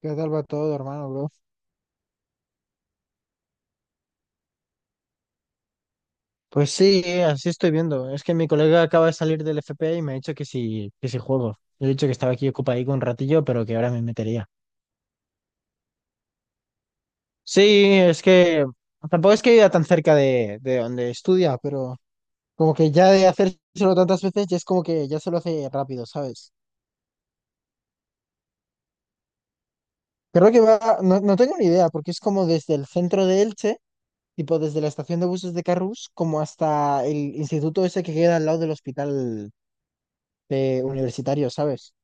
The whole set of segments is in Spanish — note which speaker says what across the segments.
Speaker 1: ¿Qué tal va todo, hermano, bro? Pues sí, así estoy viendo. Es que mi colega acaba de salir del FP y me ha dicho que sí juego. Le he dicho que estaba aquí ocupadico un ratillo, pero que ahora me metería. Sí, es que tampoco es que viva tan cerca de donde estudia, pero como que ya de hacérselo tantas veces ya es como que ya se lo hace rápido, ¿sabes? Creo que va, no tengo ni idea, porque es como desde el centro de Elche, tipo desde la estación de buses de Carrús, como hasta el instituto ese que queda al lado del hospital universitario, ¿sabes?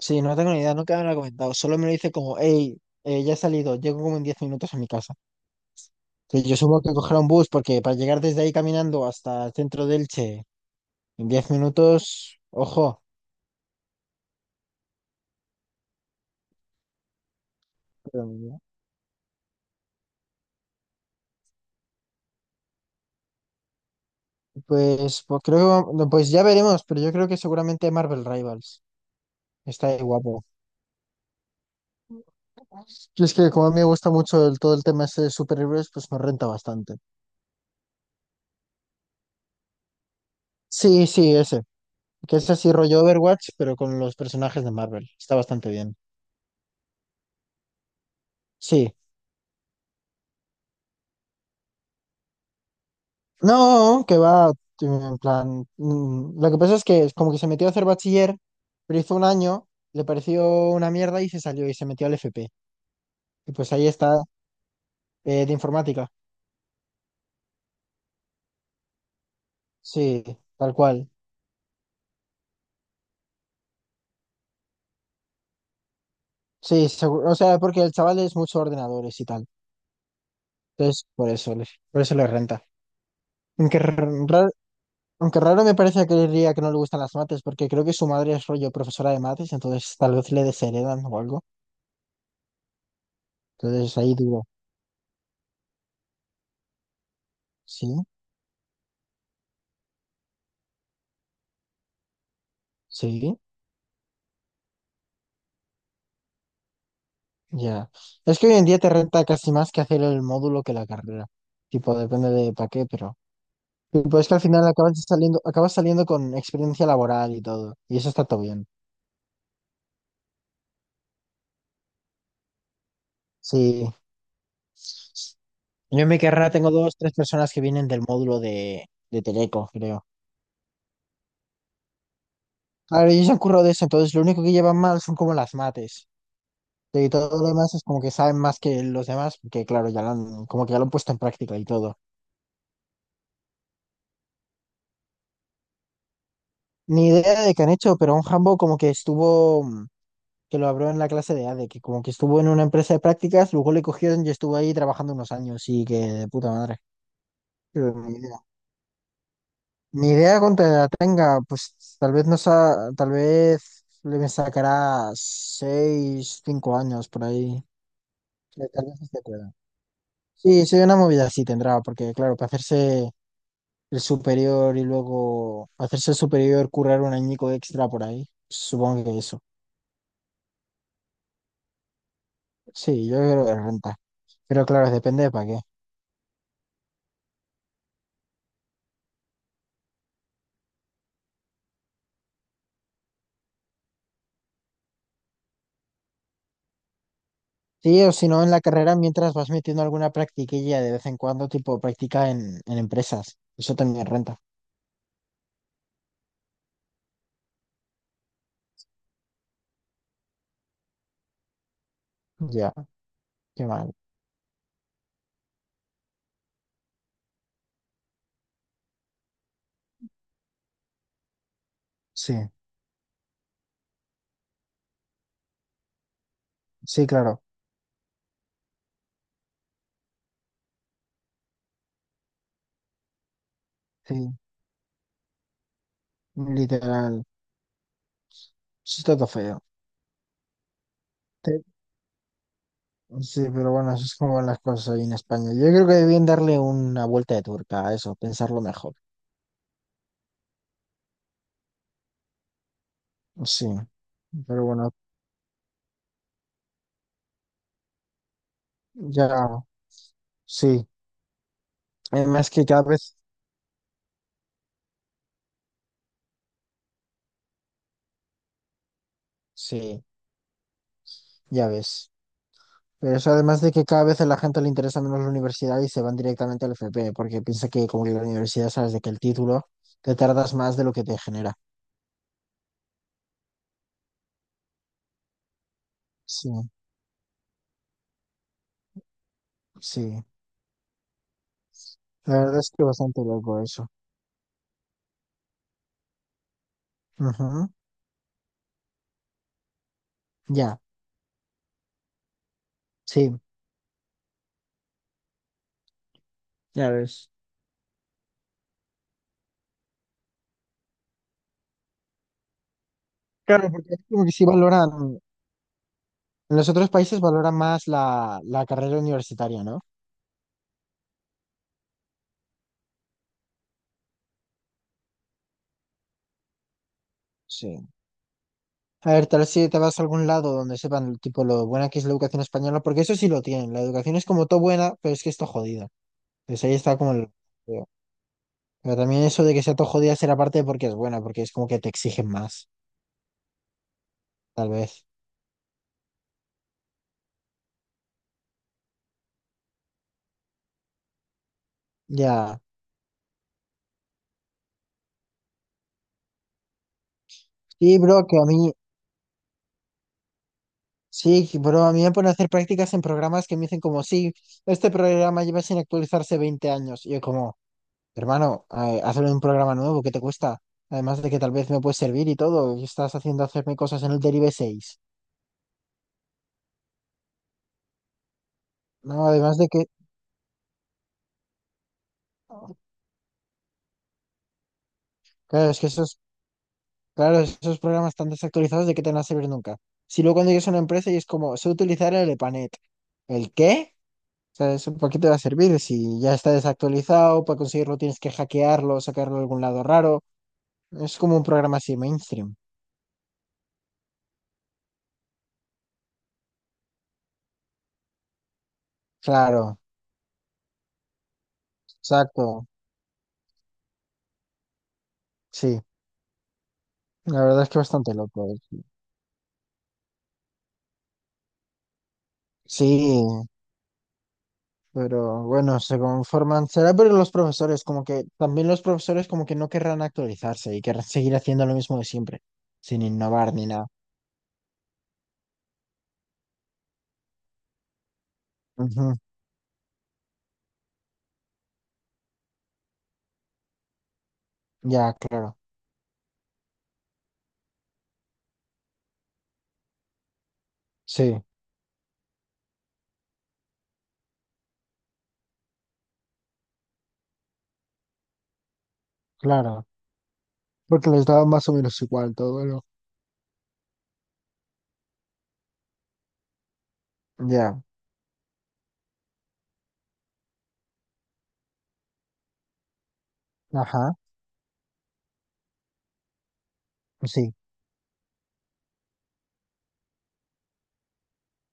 Speaker 1: Sí, no tengo ni idea, nunca me lo ha comentado. Solo me lo dice como, hey, ya he salido, llego como en 10 minutos a mi casa. Que yo supongo que coger un bus, porque para llegar desde ahí caminando hasta el centro de Elche en 10 minutos, ojo. Pero, pues creo que no, pues ya veremos, pero yo creo que seguramente Marvel Rivals. Está ahí guapo. Y es que como a mí me gusta mucho el- todo el tema ese de superhéroes, pues me renta bastante. Sí, sí, ese. Que es así rollo Overwatch, pero con los personajes de Marvel. Está bastante bien. Sí. No, que va, en plan, lo que pasa es que es como que se metió a hacer bachiller, pero hizo un año, le pareció una mierda y se salió y se metió al FP. Y pues ahí está, de informática. Sí, tal cual. Sí, seguro, o sea, porque el chaval es mucho ordenadores y tal. Entonces, por eso le renta. Aunque raro, aunque raro me parece que diría que no le gustan las mates, porque creo que su madre es rollo profesora de mates, entonces tal vez le desheredan o algo. Entonces ahí digo, sí, sí. Ya. Es que hoy en día te renta casi más que hacer el módulo que la carrera. Tipo, depende de para qué, pero. Tipo, es que al final acabas saliendo con experiencia laboral y todo. Y eso está todo bien. Sí. Yo en mi carrera tengo dos, tres personas que vienen del módulo de Teleco, creo. Claro, ellos se han currado de eso, entonces lo único que llevan mal son como las mates. Y todo lo demás es como que saben más que los demás, porque claro, ya lo han, como que ya lo han puesto en práctica y todo. Ni idea de qué han hecho, pero un Hambo como que estuvo. Que lo habló en la clase de A ADE, que como que estuvo en una empresa de prácticas, luego le cogieron y estuvo ahí trabajando unos años y que de puta madre. Pero ni idea. Ni idea cuánto edad tenga, pues tal vez no sa- tal vez le sacará 6, 5 años por ahí. Tal vez esté cuerda. Sí, sí, una movida sí tendrá, porque claro, para hacerse el superior y luego hacerse el superior, currar un añico extra por ahí, supongo que eso. Sí, yo creo que renta. Pero claro, depende de para qué. Sí, o si no, en la carrera mientras vas metiendo alguna practiquilla de vez en cuando, tipo práctica en empresas. Eso también renta. Ya, qué mal. Sí, sí, claro. Sí, literal. Eso está todo feo. Te- Sí, pero bueno, eso es como van las cosas ahí en España. Yo creo que debían darle una vuelta de turca a eso, pensarlo mejor. Sí, pero bueno, ya, sí. Además que cada vez, sí, ya ves. Pero eso además de que cada vez a la gente le interesa menos la universidad y se van directamente al FP, porque piensa que como que la universidad sabes de que el título te tardas más de lo que te genera. Sí, sí. La verdad es que bastante loco eso. Ujú. Ya, sí, ya ves. Claro, porque es como que sí valoran, en los otros países valoran más la, la carrera universitaria, ¿no? Sí. A ver, tal vez si te vas a algún lado donde sepan tipo lo buena que es la educación española, porque eso sí lo tienen. La educación es como todo buena, pero es que esto jodida. Entonces ahí está como el... Pero también eso de que sea todo jodida será parte porque es buena, porque es como que te exigen más, tal vez. Ya. Sí, bro, que a mí, sí, bro, a mí me ponen a hacer prácticas en programas que me dicen como, sí, este programa lleva sin actualizarse 20 años. Y yo como, hermano, hazlo en un programa nuevo, ¿qué te cuesta? Además de que tal vez me puede servir y todo, y estás haciendo hacerme cosas en el Derive 6. No, además de que, claro, es que esos, claro, esos programas están desactualizados, ¿de qué te van a servir nunca? Si luego cuando llegas a una empresa y es como, sé utilizar el EPANET. ¿El qué? Sea, eso, ¿para qué te va a servir? Si ya está desactualizado, para conseguirlo tienes que hackearlo, sacarlo de algún lado raro. Es como un programa así mainstream. Claro, exacto. Sí, la verdad es que bastante loco. Sí, pero bueno, se conforman. Será pero los profesores, como que también los profesores como que no querrán actualizarse y querrán seguir haciendo lo mismo de siempre, sin innovar ni nada. Ujú. Ya, claro. Sí, claro. Porque les daba más o menos igual todo, ¿no? Ya, ajá, sí.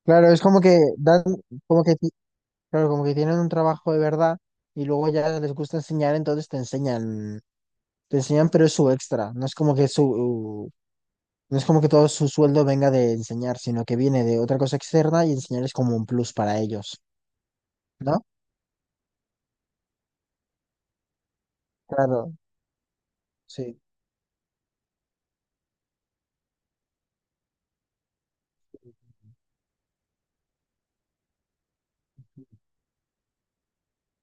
Speaker 1: Claro, es como que dan, como que, ti- Claro, como que tienen un trabajo de verdad y luego ya les gusta enseñar, entonces te enseñan, pero es su extra. No es como que su, no es como que todo su sueldo venga de enseñar, sino que viene de otra cosa externa y enseñar es como un plus para ellos, ¿no? Claro, sí,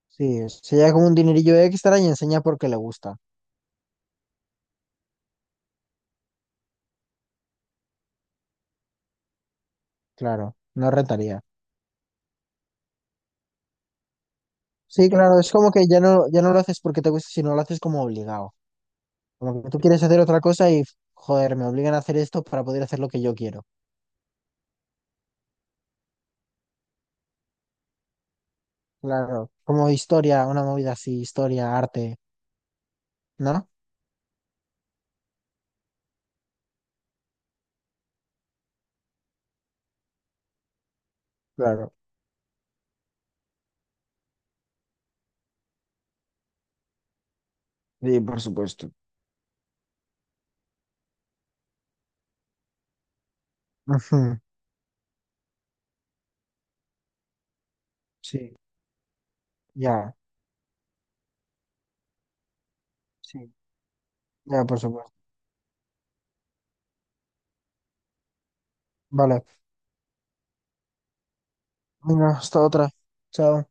Speaker 1: sí, se lleva como un dinerillo extra y enseña porque le gusta, claro, no rentaría. Sí, claro, es como que ya no lo haces porque te gusta, sino lo haces como obligado. Como que tú quieres hacer otra cosa y, joder, me obligan a hacer esto para poder hacer lo que yo quiero. Claro, como historia, una movida así, historia, arte, ¿no? Claro, sí, por supuesto. Ujú. Sí, ya, sí, ya, por supuesto. Vale, venga, hasta otra. Chao.